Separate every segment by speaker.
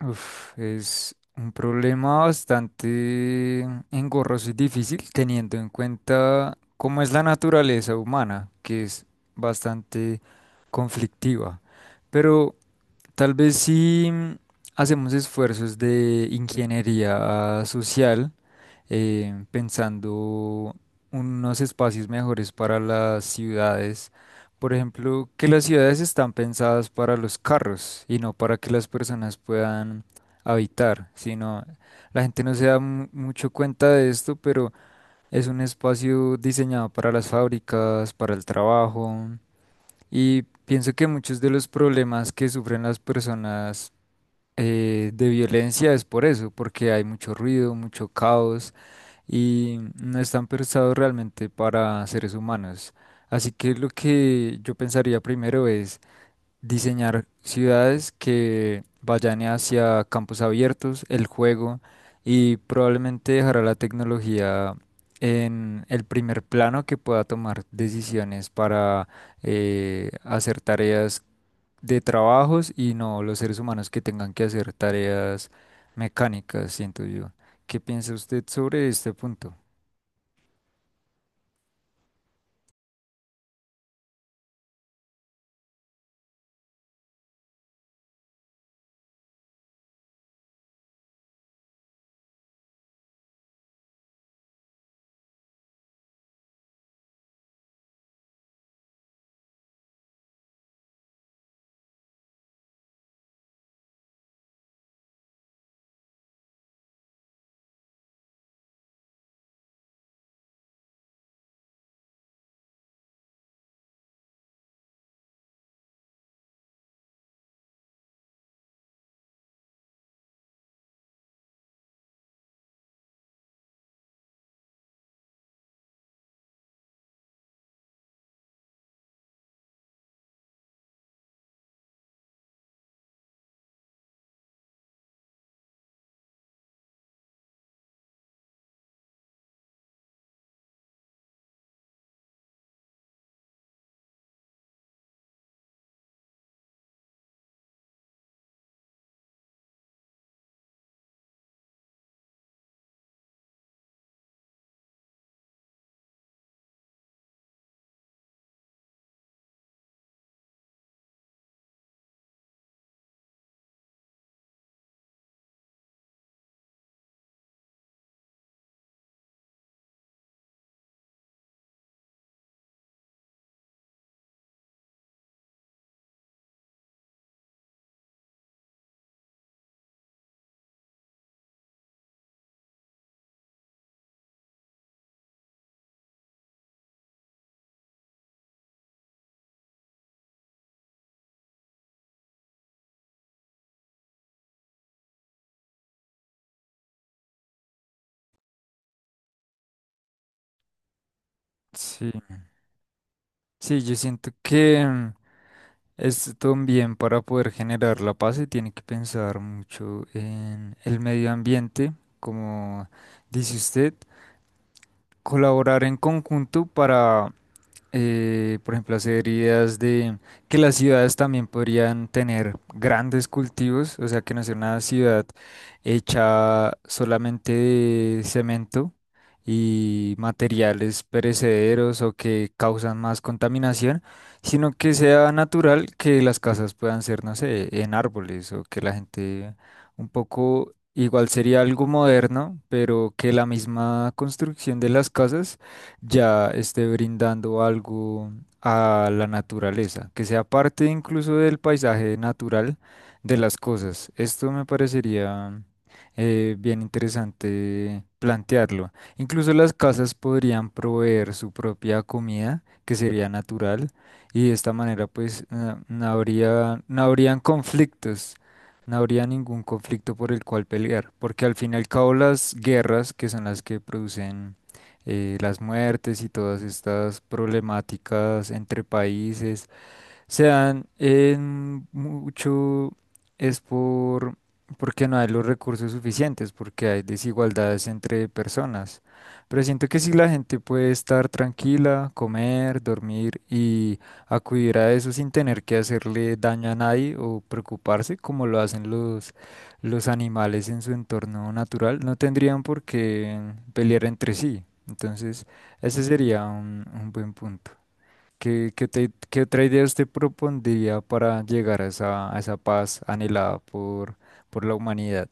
Speaker 1: Uf, es un problema bastante engorroso y difícil teniendo en cuenta cómo es la naturaleza humana, que es bastante conflictiva. Pero tal vez si hacemos esfuerzos de ingeniería social, pensando unos espacios mejores para las ciudades. Por ejemplo, que las ciudades están pensadas para los carros y no para que las personas puedan habitar, sino la gente no se da mucho cuenta de esto, pero es un espacio diseñado para las fábricas, para el trabajo y pienso que muchos de los problemas que sufren las personas de violencia es por eso, porque hay mucho ruido, mucho caos y no están pensados realmente para seres humanos. Así que lo que yo pensaría primero es diseñar ciudades que vayan hacia campos abiertos, el juego y probablemente dejará la tecnología en el primer plano que pueda tomar decisiones para hacer tareas de trabajos y no los seres humanos que tengan que hacer tareas mecánicas, siento yo. ¿Qué piensa usted sobre este punto? Sí, sí, yo siento que es también para poder generar la paz se tiene que pensar mucho en el medio ambiente, como dice usted, colaborar en conjunto para por ejemplo, hacer ideas de que las ciudades también podrían tener grandes cultivos, o sea, que no sea una ciudad hecha solamente de cemento y materiales perecederos o que causan más contaminación, sino que sea natural que las casas puedan ser, no sé, en árboles o que la gente un poco. Igual sería algo moderno, pero que la misma construcción de las casas ya esté brindando algo a la naturaleza, que sea parte incluso del paisaje natural de las cosas. Esto me parecería bien interesante plantearlo. Incluso las casas podrían proveer su propia comida, que sería natural, y de esta manera pues no habrían conflictos. No habría ningún conflicto por el cual pelear, porque al fin y al cabo las guerras, que son las que producen las muertes y todas estas problemáticas entre países se dan en mucho es por porque no hay los recursos suficientes, porque hay desigualdades entre personas. Pero siento que si la gente puede estar tranquila, comer, dormir y acudir a eso sin tener que hacerle daño a nadie o preocuparse como lo hacen los animales en su entorno natural, no tendrían por qué pelear entre sí. Entonces, ese sería un buen punto. ¿Qué, qué otra idea usted propondría para llegar a esa paz anhelada por la humanidad?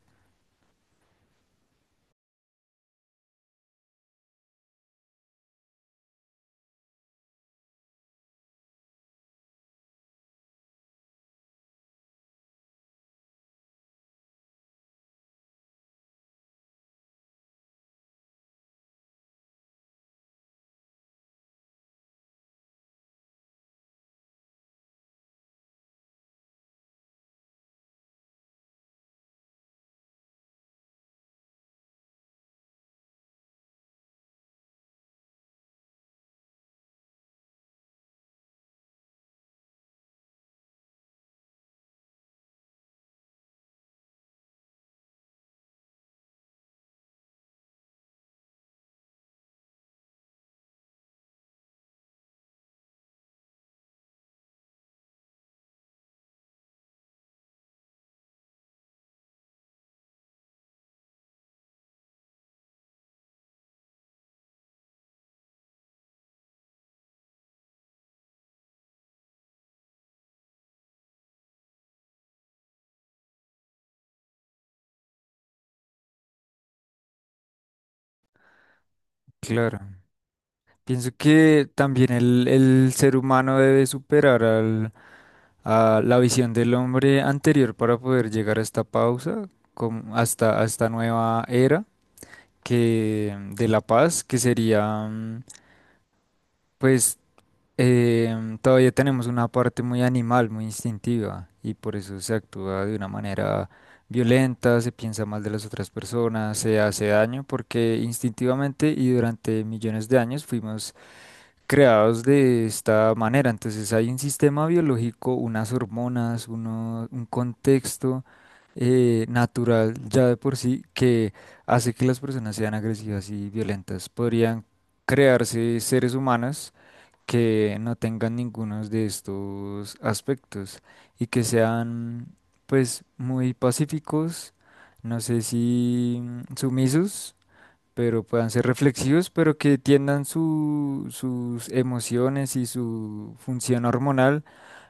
Speaker 1: Claro. Pienso que también el ser humano debe a la visión del hombre anterior para poder llegar a esta pausa, a esta nueva era que, de la paz, que sería pues eh, todavía tenemos una parte muy animal, muy instintiva, y por eso se actúa de una manera violenta, se piensa mal de las otras personas, se hace daño, porque instintivamente y durante millones de años fuimos creados de esta manera. Entonces hay un sistema biológico, unas hormonas, un contexto natural ya de por sí que hace que las personas sean agresivas y violentas. Podrían crearse seres humanos que no tengan ninguno de estos aspectos y que sean pues muy pacíficos, no sé si sumisos, pero puedan ser reflexivos, pero que tiendan sus emociones y su función hormonal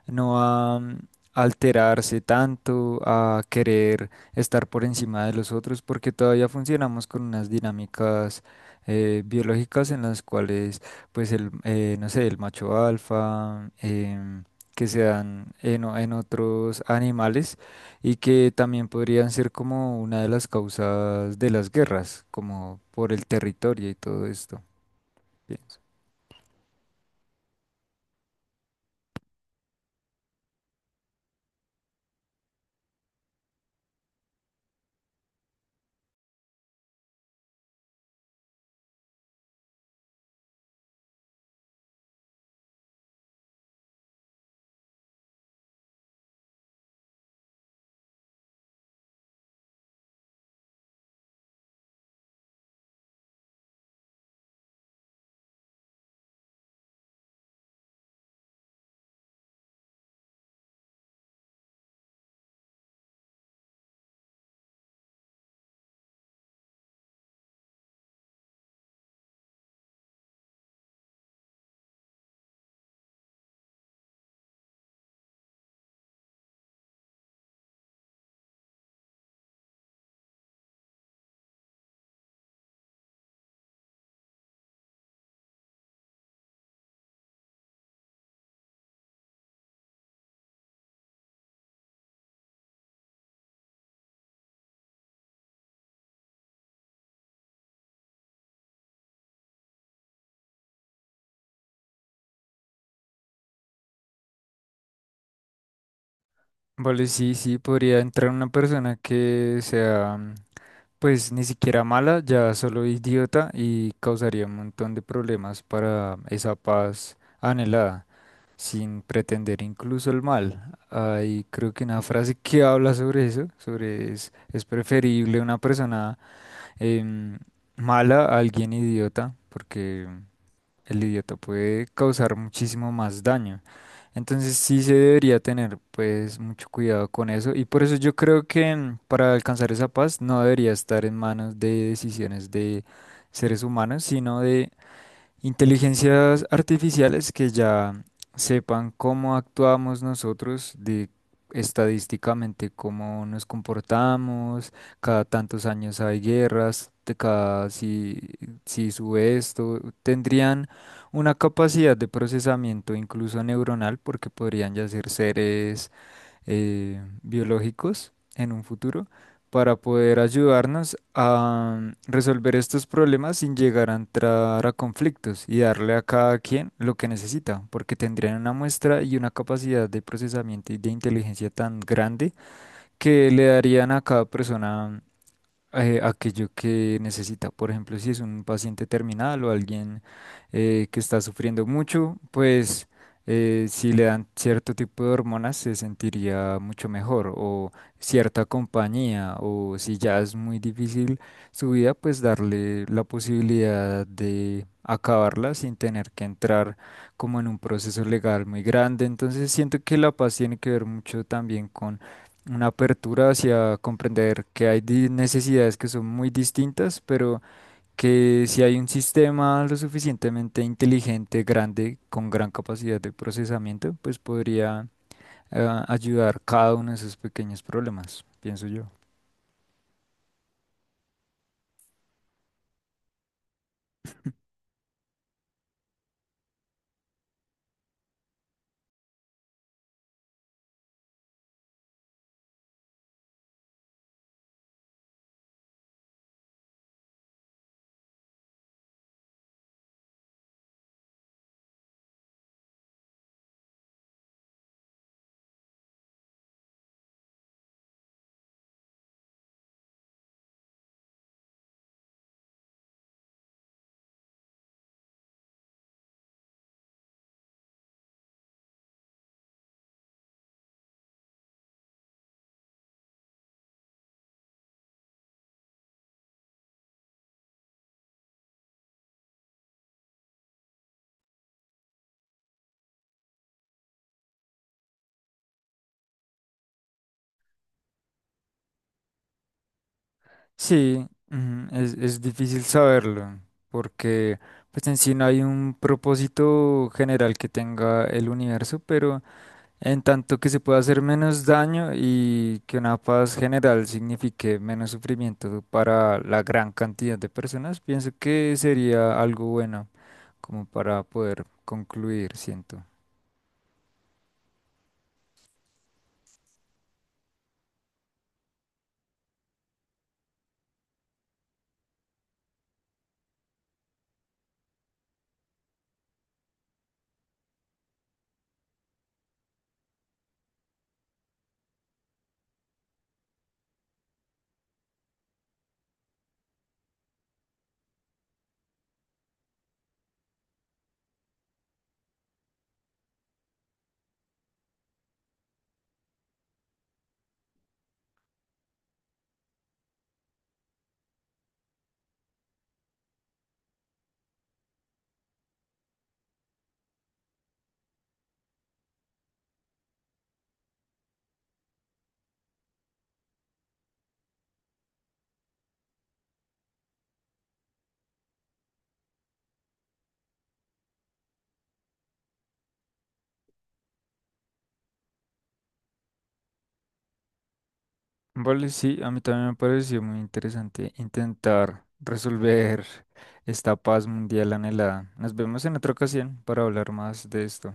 Speaker 1: no a alterarse tanto, a querer estar por encima de los otros, porque todavía funcionamos con unas dinámicas biológicas en las cuales, pues, el, no sé, el macho alfa, que se dan en, en otros animales y que también podrían ser como una de las causas de las guerras, como por el territorio y todo esto, pienso. Vale, sí, sí, podría entrar una persona que sea pues ni siquiera mala, ya solo idiota y causaría un montón de problemas para esa paz anhelada, sin pretender incluso el mal. Hay creo que una frase que habla sobre eso, es preferible una persona em, mala a alguien idiota, porque el idiota puede causar muchísimo más daño. Entonces sí se debería tener pues mucho cuidado con eso y por eso yo creo que para alcanzar esa paz no debería estar en manos de decisiones de seres humanos, sino de inteligencias artificiales que ya sepan cómo actuamos nosotros de estadísticamente, cómo nos comportamos, cada tantos años hay guerras, de cada si, si sube esto, tendrían una capacidad de procesamiento incluso neuronal porque podrían ya ser seres biológicos en un futuro para poder ayudarnos a resolver estos problemas sin llegar a entrar a conflictos y darle a cada quien lo que necesita, porque tendrían una muestra y una capacidad de procesamiento y de inteligencia tan grande que le darían a cada persona aquello que necesita. Por ejemplo, si es un paciente terminal o alguien que está sufriendo mucho, pues si le dan cierto tipo de hormonas se sentiría mucho mejor o cierta compañía o si ya es muy difícil su vida, pues darle la posibilidad de acabarla sin tener que entrar como en un proceso legal muy grande. Entonces siento que la paz tiene que ver mucho también una apertura hacia comprender que hay necesidades que son muy distintas, pero que si hay un sistema lo suficientemente inteligente, grande, con gran capacidad de procesamiento, pues podría ayudar cada uno de esos pequeños problemas, pienso yo. Sí, ujú, es difícil saberlo, porque pues en sí no hay un propósito general que tenga el universo, pero en tanto que se pueda hacer menos daño y que una paz general signifique menos sufrimiento para la gran cantidad de personas, pienso que sería algo bueno como para poder concluir, siento. Vale, sí, a mí también me pareció muy interesante intentar resolver esta paz mundial anhelada. Nos vemos en otra ocasión para hablar más de esto.